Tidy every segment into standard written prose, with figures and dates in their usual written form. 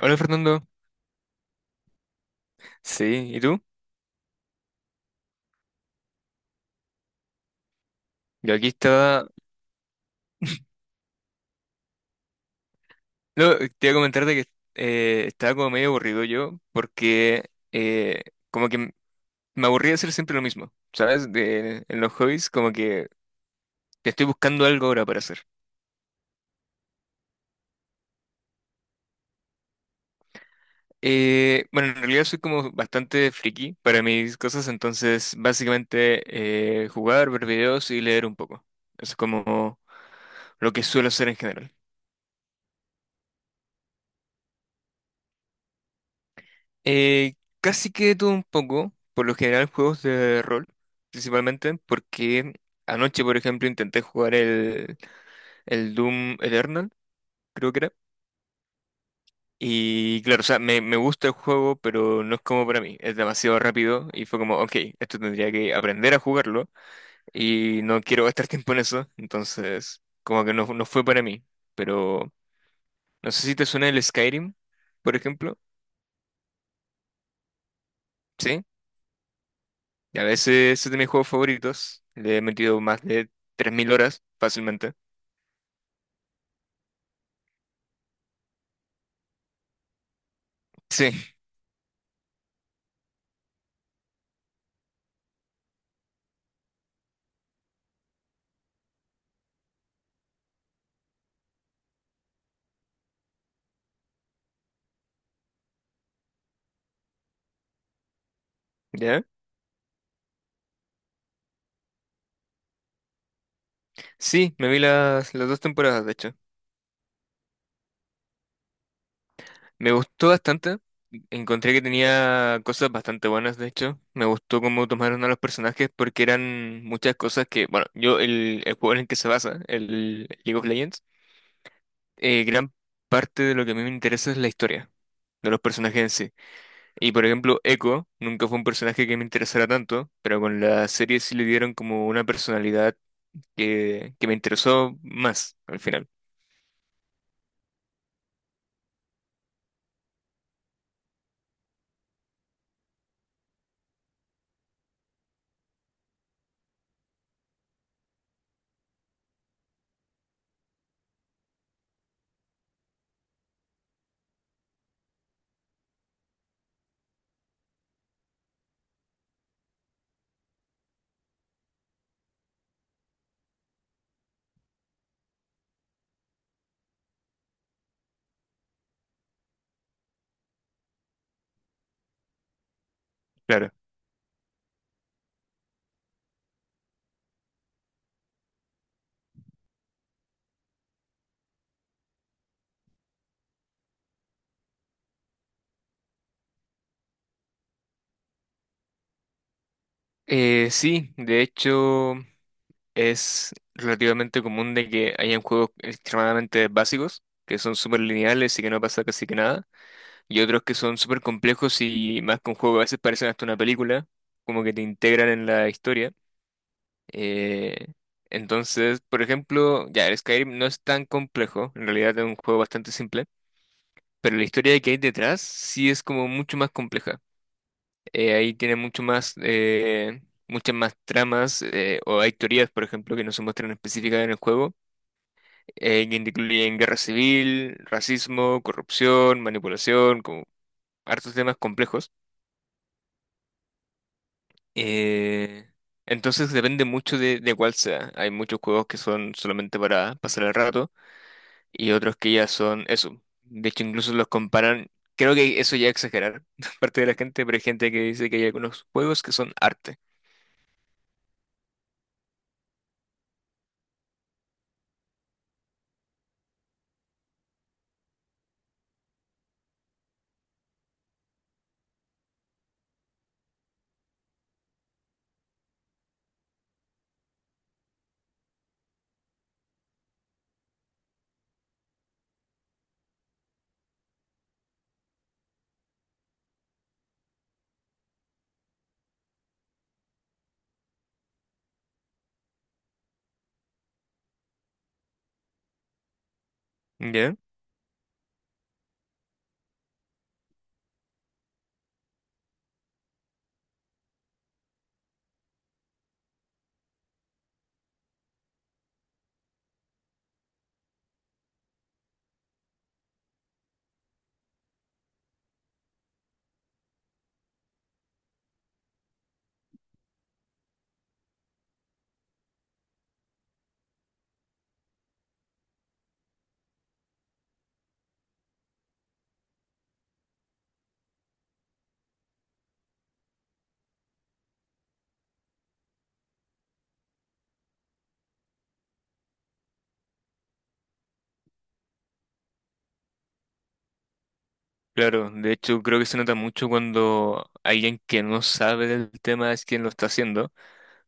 Hola Fernando. Sí, ¿y tú? Yo aquí estaba... No, te iba a comentar de que estaba como medio aburrido yo porque como que m- me aburría hacer siempre lo mismo, ¿sabes? De- en los hobbies como que estoy buscando algo ahora para hacer. Bueno, en realidad soy como bastante friki para mis cosas, entonces básicamente jugar, ver videos y leer un poco. Eso es como lo que suelo hacer en general. Eh, Casi que de todo un poco, por lo general juegos de rol, principalmente, porque anoche, por ejemplo, intenté jugar el Doom Eternal, creo que era. Y claro, o sea, me gusta el juego, pero no es como para mí, es demasiado rápido y fue como, ok, esto tendría que aprender a jugarlo y no quiero gastar tiempo en eso, entonces como que no fue para mí. Pero no sé si te suena el Skyrim, por ejemplo. ¿Sí? Y a veces es de mis juegos favoritos. Le he metido más de 3000 horas fácilmente. Sí, ¿ya? Sí, me vi las dos temporadas, de hecho. Me gustó bastante. Encontré que tenía cosas bastante buenas, de hecho. Me gustó cómo tomaron a los personajes porque eran muchas cosas que, bueno, yo, el juego en el que se basa, el League of Legends, gran parte de lo que a mí me interesa es la historia de los personajes en sí. Y por ejemplo, Echo nunca fue un personaje que me interesara tanto, pero con la serie sí le dieron como una personalidad que me interesó más al final, claro. Sí, de hecho es relativamente común de que hayan juegos extremadamente básicos, que son súper lineales y que no pasa casi que nada, y otros que son súper complejos y más con juegos, a veces parecen hasta una película, como que te integran en la historia. Eh, entonces, por ejemplo, ya, el Skyrim no es tan complejo, en realidad es un juego bastante simple, pero la historia que hay detrás sí es como mucho más compleja. Ahí tiene mucho más, muchas más tramas, o hay teorías, por ejemplo, que no se muestran específicas en el juego, que incluyen guerra civil, racismo, corrupción, manipulación, como hartos temas complejos. Eh, entonces depende mucho de cuál sea. Hay muchos juegos que son solamente para pasar el rato, y otros que ya son eso. De hecho, incluso los comparan, creo que eso ya es exagerar de parte de la gente, pero hay gente que dice que hay algunos juegos que son arte. ¿Ya? Claro, de hecho creo que se nota mucho cuando alguien que no sabe del tema es quien lo está haciendo,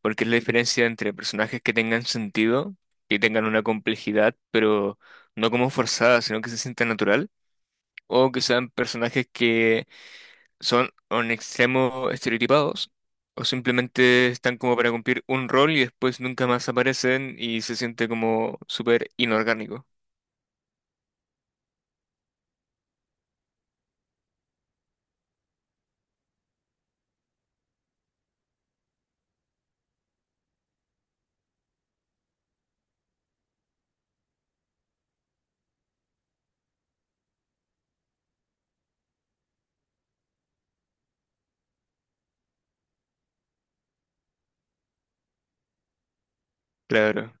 porque es la diferencia entre personajes que tengan sentido, que tengan una complejidad, pero no como forzada, sino que se sienta natural, o que sean personajes que son o en extremo estereotipados o simplemente están como para cumplir un rol y después nunca más aparecen y se siente como súper inorgánico. Claro.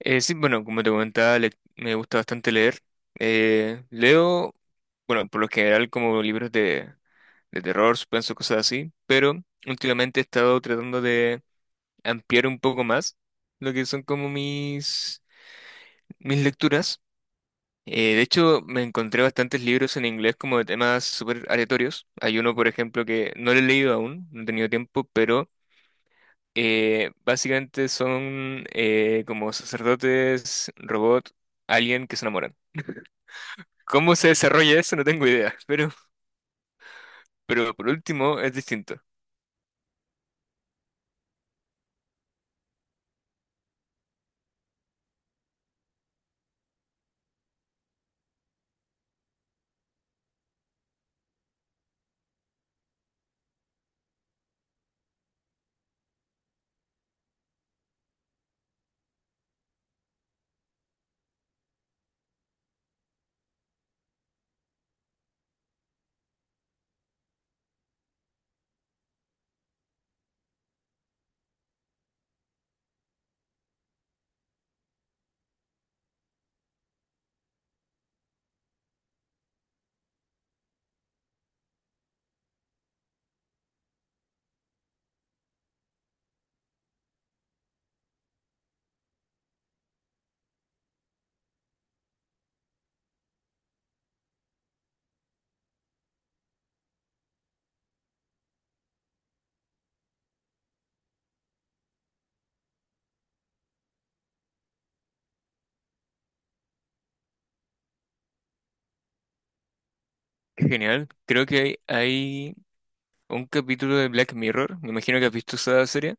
Sí, bueno, como te comentaba, le- me gusta bastante leer. Leo, bueno, por lo general como libros de terror, suspenso, cosas así, pero últimamente he estado tratando de ampliar un poco más lo que son como mis lecturas. De hecho, me encontré bastantes libros en inglés como de temas súper aleatorios. Hay uno, por ejemplo, que no lo he leído aún, no he tenido tiempo, pero básicamente son como sacerdotes, robot, alguien que se enamoran. ¿Cómo se desarrolla eso? No tengo idea, pero por último es distinto. Genial. Creo que hay un capítulo de Black Mirror, me imagino que has visto esa serie.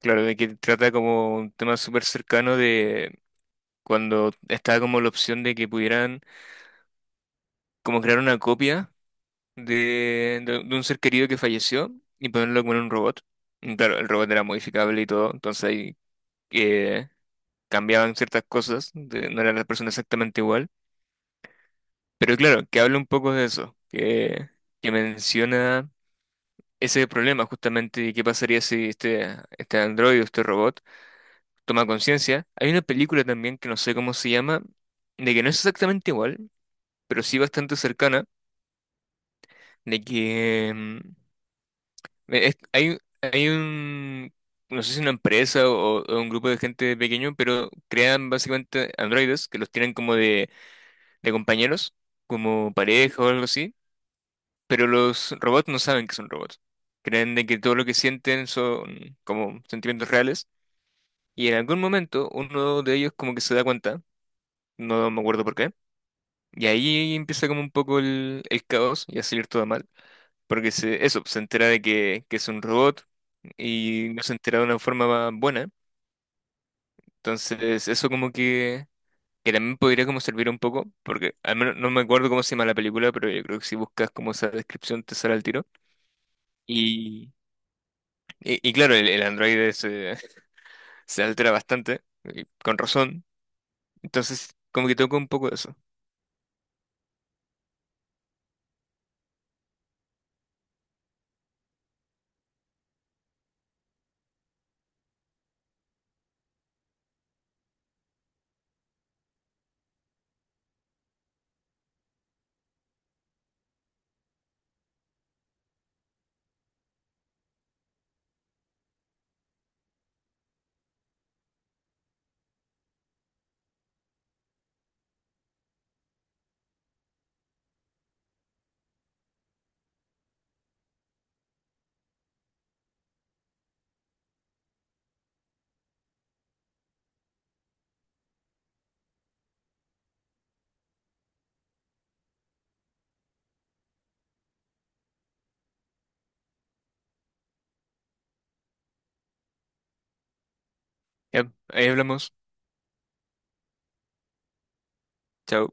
Claro, de que trata como un tema súper cercano de cuando estaba como la opción de que pudieran como crear una copia de un ser querido que falleció y ponerlo como en un robot. Y claro, el robot era modificable y todo, entonces ahí eh, cambiaban ciertas cosas, de- no era la persona exactamente igual. Pero claro, que habla un poco de eso, que menciona ese problema justamente y qué pasaría si este androide, este robot, toma conciencia. Hay una película también que no sé cómo se llama, de que no es exactamente igual, pero sí bastante cercana, de que... hay, hay un, no sé si una empresa o un grupo de gente pequeño, pero crean básicamente androides que los tienen como de compañeros, como pareja o algo así, pero los robots no saben que son robots. Creen de que todo lo que sienten son como sentimientos reales y en algún momento uno de ellos como que se da cuenta, no me acuerdo por qué, y ahí empieza como un poco el caos y a salir todo mal. Porque se, eso, se entera de que es un robot y no se entera de una forma buena. Entonces, eso como que también podría como servir un poco, porque al menos no me acuerdo cómo se llama la película, pero yo creo que si buscas como esa descripción te sale al tiro. Y, y claro, el androide se, se altera bastante, y con razón. Entonces, como que toca un poco de eso. Ya, ahí hablamos. Chao.